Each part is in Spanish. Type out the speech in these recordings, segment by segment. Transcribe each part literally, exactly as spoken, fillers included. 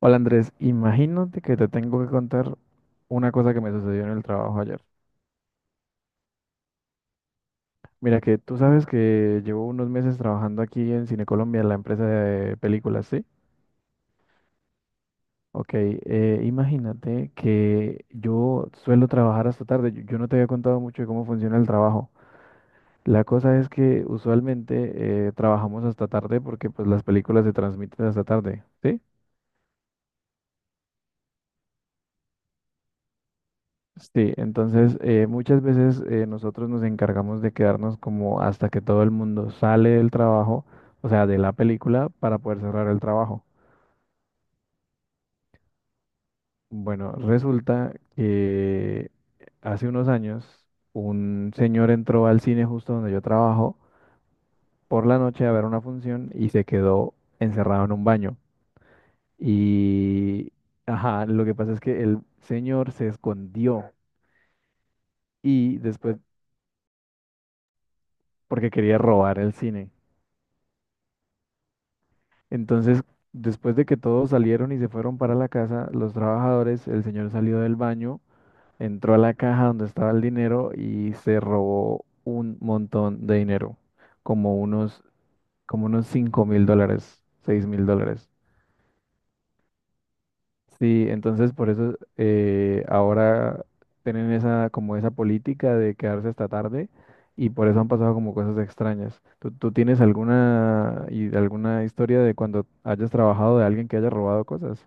Hola Andrés, imagínate que te tengo que contar una cosa que me sucedió en el trabajo ayer. Mira que tú sabes que llevo unos meses trabajando aquí en Cine Colombia, la empresa de películas, ¿sí? Ok, eh, imagínate que yo suelo trabajar hasta tarde. Yo, yo no te había contado mucho de cómo funciona el trabajo. La cosa es que usualmente eh, trabajamos hasta tarde porque pues las películas se transmiten hasta tarde, ¿sí? Sí, entonces eh, muchas veces eh, nosotros nos encargamos de quedarnos como hasta que todo el mundo sale del trabajo, o sea, de la película, para poder cerrar el trabajo. Bueno, resulta que hace unos años un señor entró al cine justo donde yo trabajo por la noche a ver una función y se quedó encerrado en un baño. Y, ajá, lo que pasa es que el señor se escondió y después, porque quería robar el cine. Entonces, después de que todos salieron y se fueron para la casa, los trabajadores, el señor salió del baño, entró a la caja donde estaba el dinero y se robó un montón de dinero, como unos, como unos cinco mil dólares, seis mil dólares. Sí, entonces por eso eh, ahora tienen esa, como esa política de quedarse hasta tarde y por eso han pasado como cosas extrañas. ¿Tú, tú tienes alguna, y- alguna historia de cuando hayas trabajado de alguien que haya robado cosas?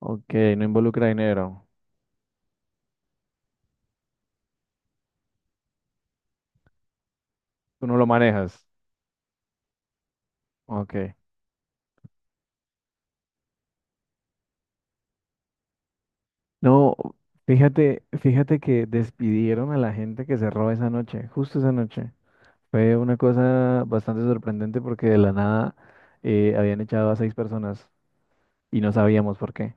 Ok, no involucra dinero. Tú no lo manejas. Ok. No, fíjate, fíjate que despidieron a la gente que cerró esa noche, justo esa noche. Fue una cosa bastante sorprendente porque de la nada eh, habían echado a seis personas y no sabíamos por qué.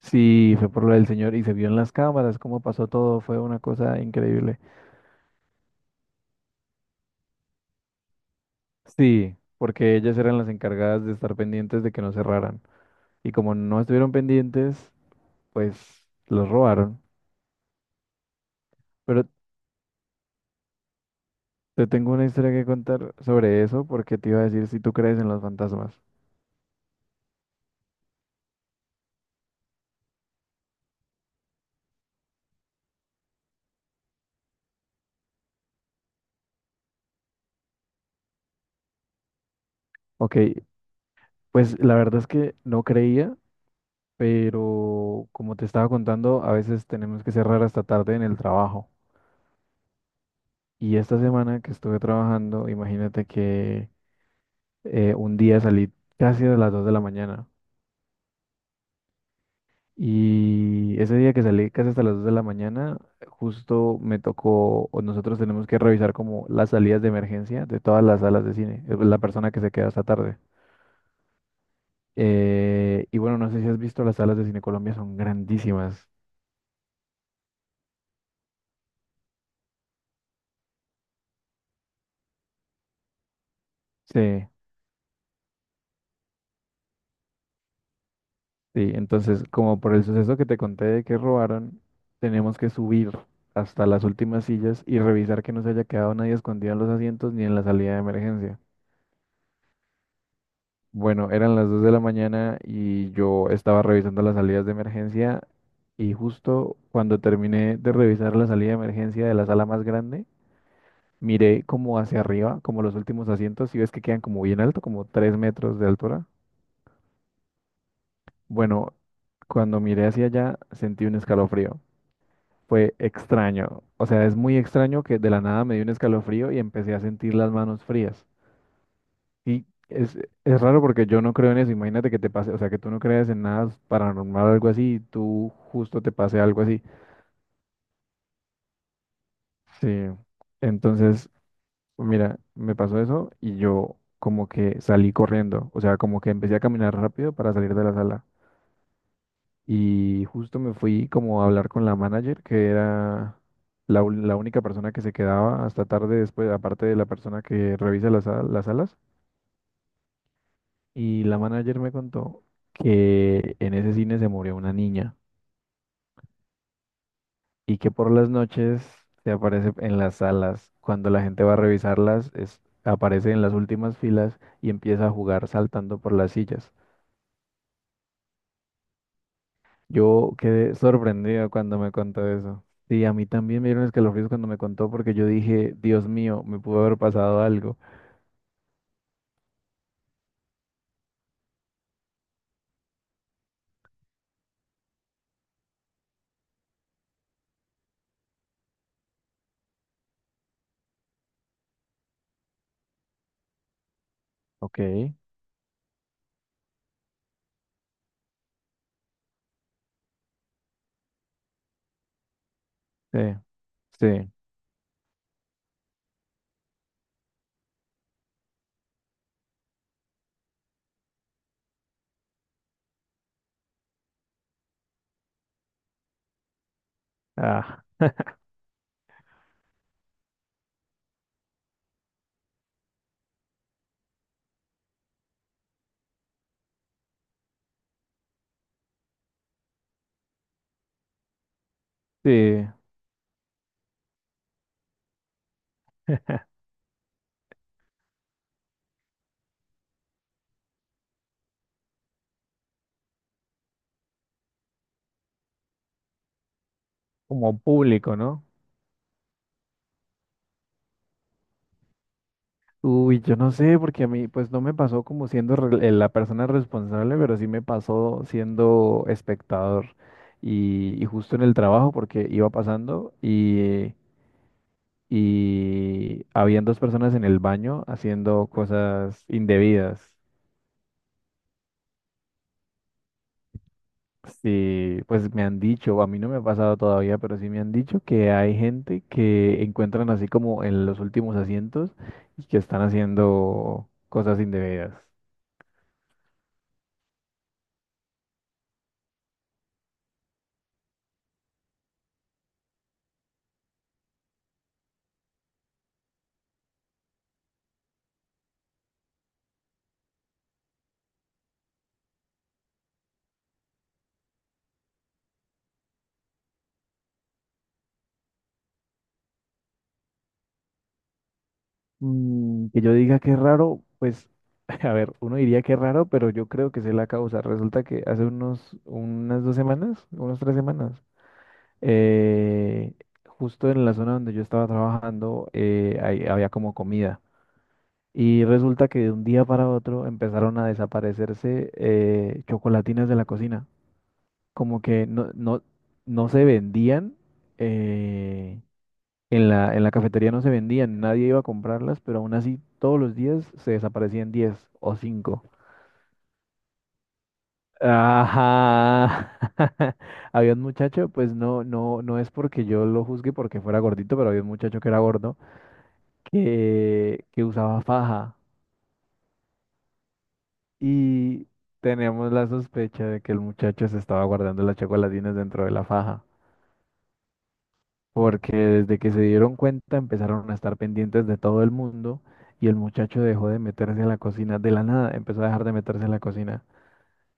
Sí, fue por lo del señor y se vio en las cámaras cómo pasó todo. Fue una cosa increíble. Sí, porque ellas eran las encargadas de estar pendientes de que no cerraran. Y como no estuvieron pendientes, pues los robaron. Pero te tengo una historia que contar sobre eso porque te iba a decir si tú crees en los fantasmas. Ok, pues la verdad es que no creía, pero como te estaba contando, a veces tenemos que cerrar hasta tarde en el trabajo. Y esta semana que estuve trabajando, imagínate que eh, un día salí casi a las dos de la mañana. Y ese día que salí casi hasta las dos de la mañana, justo me tocó, o nosotros tenemos que revisar como las salidas de emergencia de todas las salas de cine, eh, la persona que se queda hasta tarde. Eh, y bueno, no sé si has visto, las salas de Cine Colombia son grandísimas. Sí, sí. Entonces, como por el suceso que te conté de que robaron, tenemos que subir hasta las últimas sillas y revisar que no se haya quedado nadie escondido en los asientos ni en la salida de emergencia. Bueno, eran las dos de la mañana y yo estaba revisando las salidas de emergencia y justo cuando terminé de revisar la salida de emergencia de la sala más grande, miré como hacia arriba, como los últimos asientos, y ves que quedan como bien alto, como tres metros de altura. Bueno, cuando miré hacia allá sentí un escalofrío. Fue extraño. O sea, es muy extraño que de la nada me dio un escalofrío y empecé a sentir las manos frías. Y es, es raro porque yo no creo en eso. Imagínate que te pase, o sea, que tú no creas en nada paranormal o algo así y tú justo te pase algo así. Sí. Entonces, mira, me pasó eso y yo como que salí corriendo. O sea, como que empecé a caminar rápido para salir de la sala. Y justo me fui como a hablar con la manager, que era la, ul- la única persona que se quedaba hasta tarde después, aparte de la persona que revisa las, sal- las salas. Y la manager me contó que en ese cine se murió una niña y que por las noches se aparece en las salas. Cuando la gente va a revisarlas, es- aparece en las últimas filas y empieza a jugar saltando por las sillas. Yo quedé sorprendido cuando me contó eso. Sí, a mí también me dieron escalofríos cuando me contó porque yo dije, Dios mío, me pudo haber pasado algo. Ok. Sí, sí, ah, sí, como público, ¿no? Uy, yo no sé, porque a mí pues no me pasó como siendo re- eh, la persona responsable, pero sí me pasó siendo espectador y, y justo en el trabajo porque iba pasando y, y habían dos personas en el baño haciendo cosas indebidas. Sí, pues me han dicho, a mí no me ha pasado todavía, pero sí me han dicho que hay gente que encuentran así como en los últimos asientos y que están haciendo cosas indebidas. Mm, que yo diga que es raro, pues, a ver, uno diría que es raro, pero yo creo que sé la causa. Resulta que hace unos, unas dos semanas, unas tres semanas, eh, justo en la zona donde yo estaba trabajando, eh, ahí había como comida. Y resulta que de un día para otro empezaron a desaparecerse eh, chocolatinas de la cocina. Como que no, no, no se vendían, eh, en la, en la cafetería no se vendían, nadie iba a comprarlas, pero aún así todos los días se desaparecían diez o cinco. Ajá. Había un muchacho, pues no, no, no es porque yo lo juzgue porque fuera gordito, pero había un muchacho que era gordo que, que usaba faja. Y tenemos la sospecha de que el muchacho se estaba guardando las chocolatinas dentro de la faja, porque desde que se dieron cuenta empezaron a estar pendientes de todo el mundo y el muchacho dejó de meterse a la cocina de la nada, empezó a dejar de meterse a la cocina.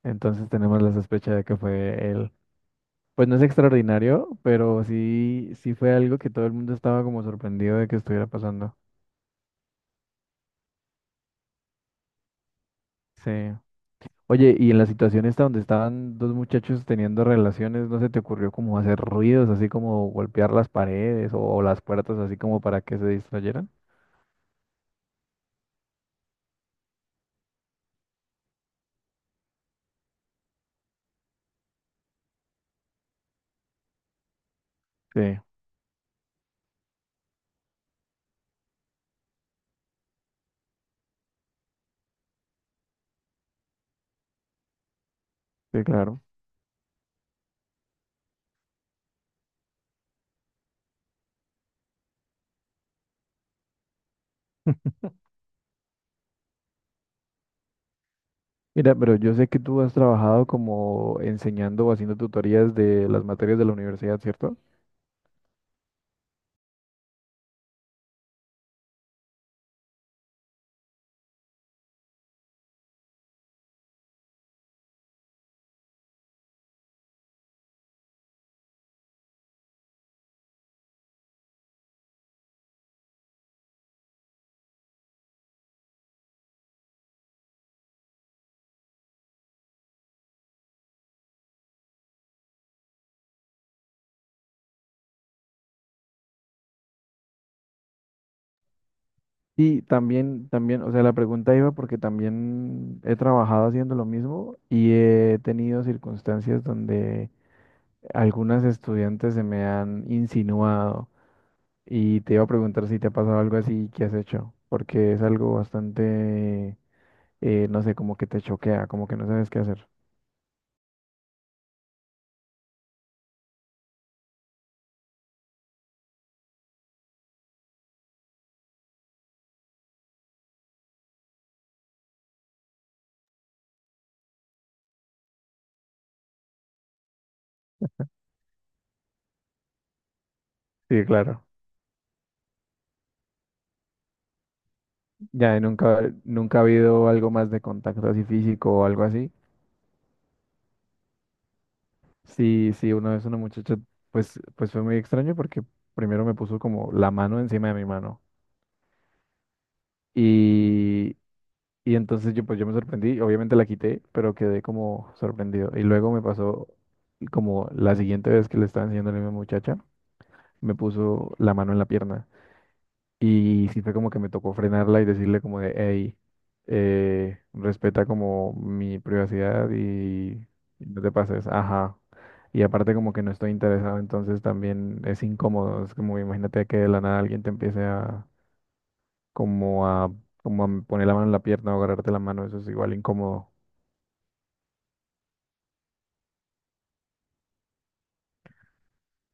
Entonces tenemos la sospecha de que fue él. Pues no es extraordinario, pero sí, sí fue algo que todo el mundo estaba como sorprendido de que estuviera pasando. Sí. Oye, y en la situación esta donde estaban dos muchachos teniendo relaciones, ¿no se te ocurrió como hacer ruidos, así como golpear las paredes o, las puertas, así como para que se distrayeran? Sí, sí, claro. Mira, pero yo sé que tú has trabajado como enseñando o haciendo tutorías de las materias de la universidad, ¿cierto? Y también, también, o sea, la pregunta iba porque también he trabajado haciendo lo mismo y he tenido circunstancias donde algunas estudiantes se me han insinuado y te iba a preguntar si te ha pasado algo así y qué has hecho, porque es algo bastante, eh, no sé, como que te choquea, como que no sabes qué hacer. Sí, claro. Ya, y nunca, nunca ha habido algo más de contacto así físico o algo así. Sí, sí, una vez una muchacha, pues, pues fue muy extraño porque primero me puso como la mano encima de mi mano. Y, y entonces yo, pues yo me sorprendí, obviamente la quité, pero quedé como sorprendido. Y luego me pasó como la siguiente vez que le estaba enseñando a la misma muchacha, me puso la mano en la pierna. Y sí fue como que me tocó frenarla y decirle como de, hey, eh, respeta como mi privacidad y, y no te pases, ajá. Y aparte como que no estoy interesado, entonces también es incómodo, es como imagínate que de la nada alguien te empiece a como a como a poner la mano en la pierna o agarrarte la mano, eso es igual incómodo.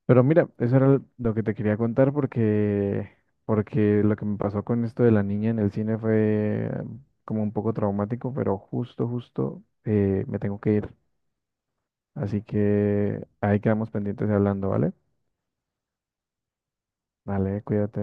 Pero mira, eso era lo que te quería contar porque, porque lo que me pasó con esto de la niña en el cine fue como un poco traumático, pero justo, justo eh, me tengo que ir. Así que ahí quedamos pendientes hablando, ¿vale? Vale, cuídate.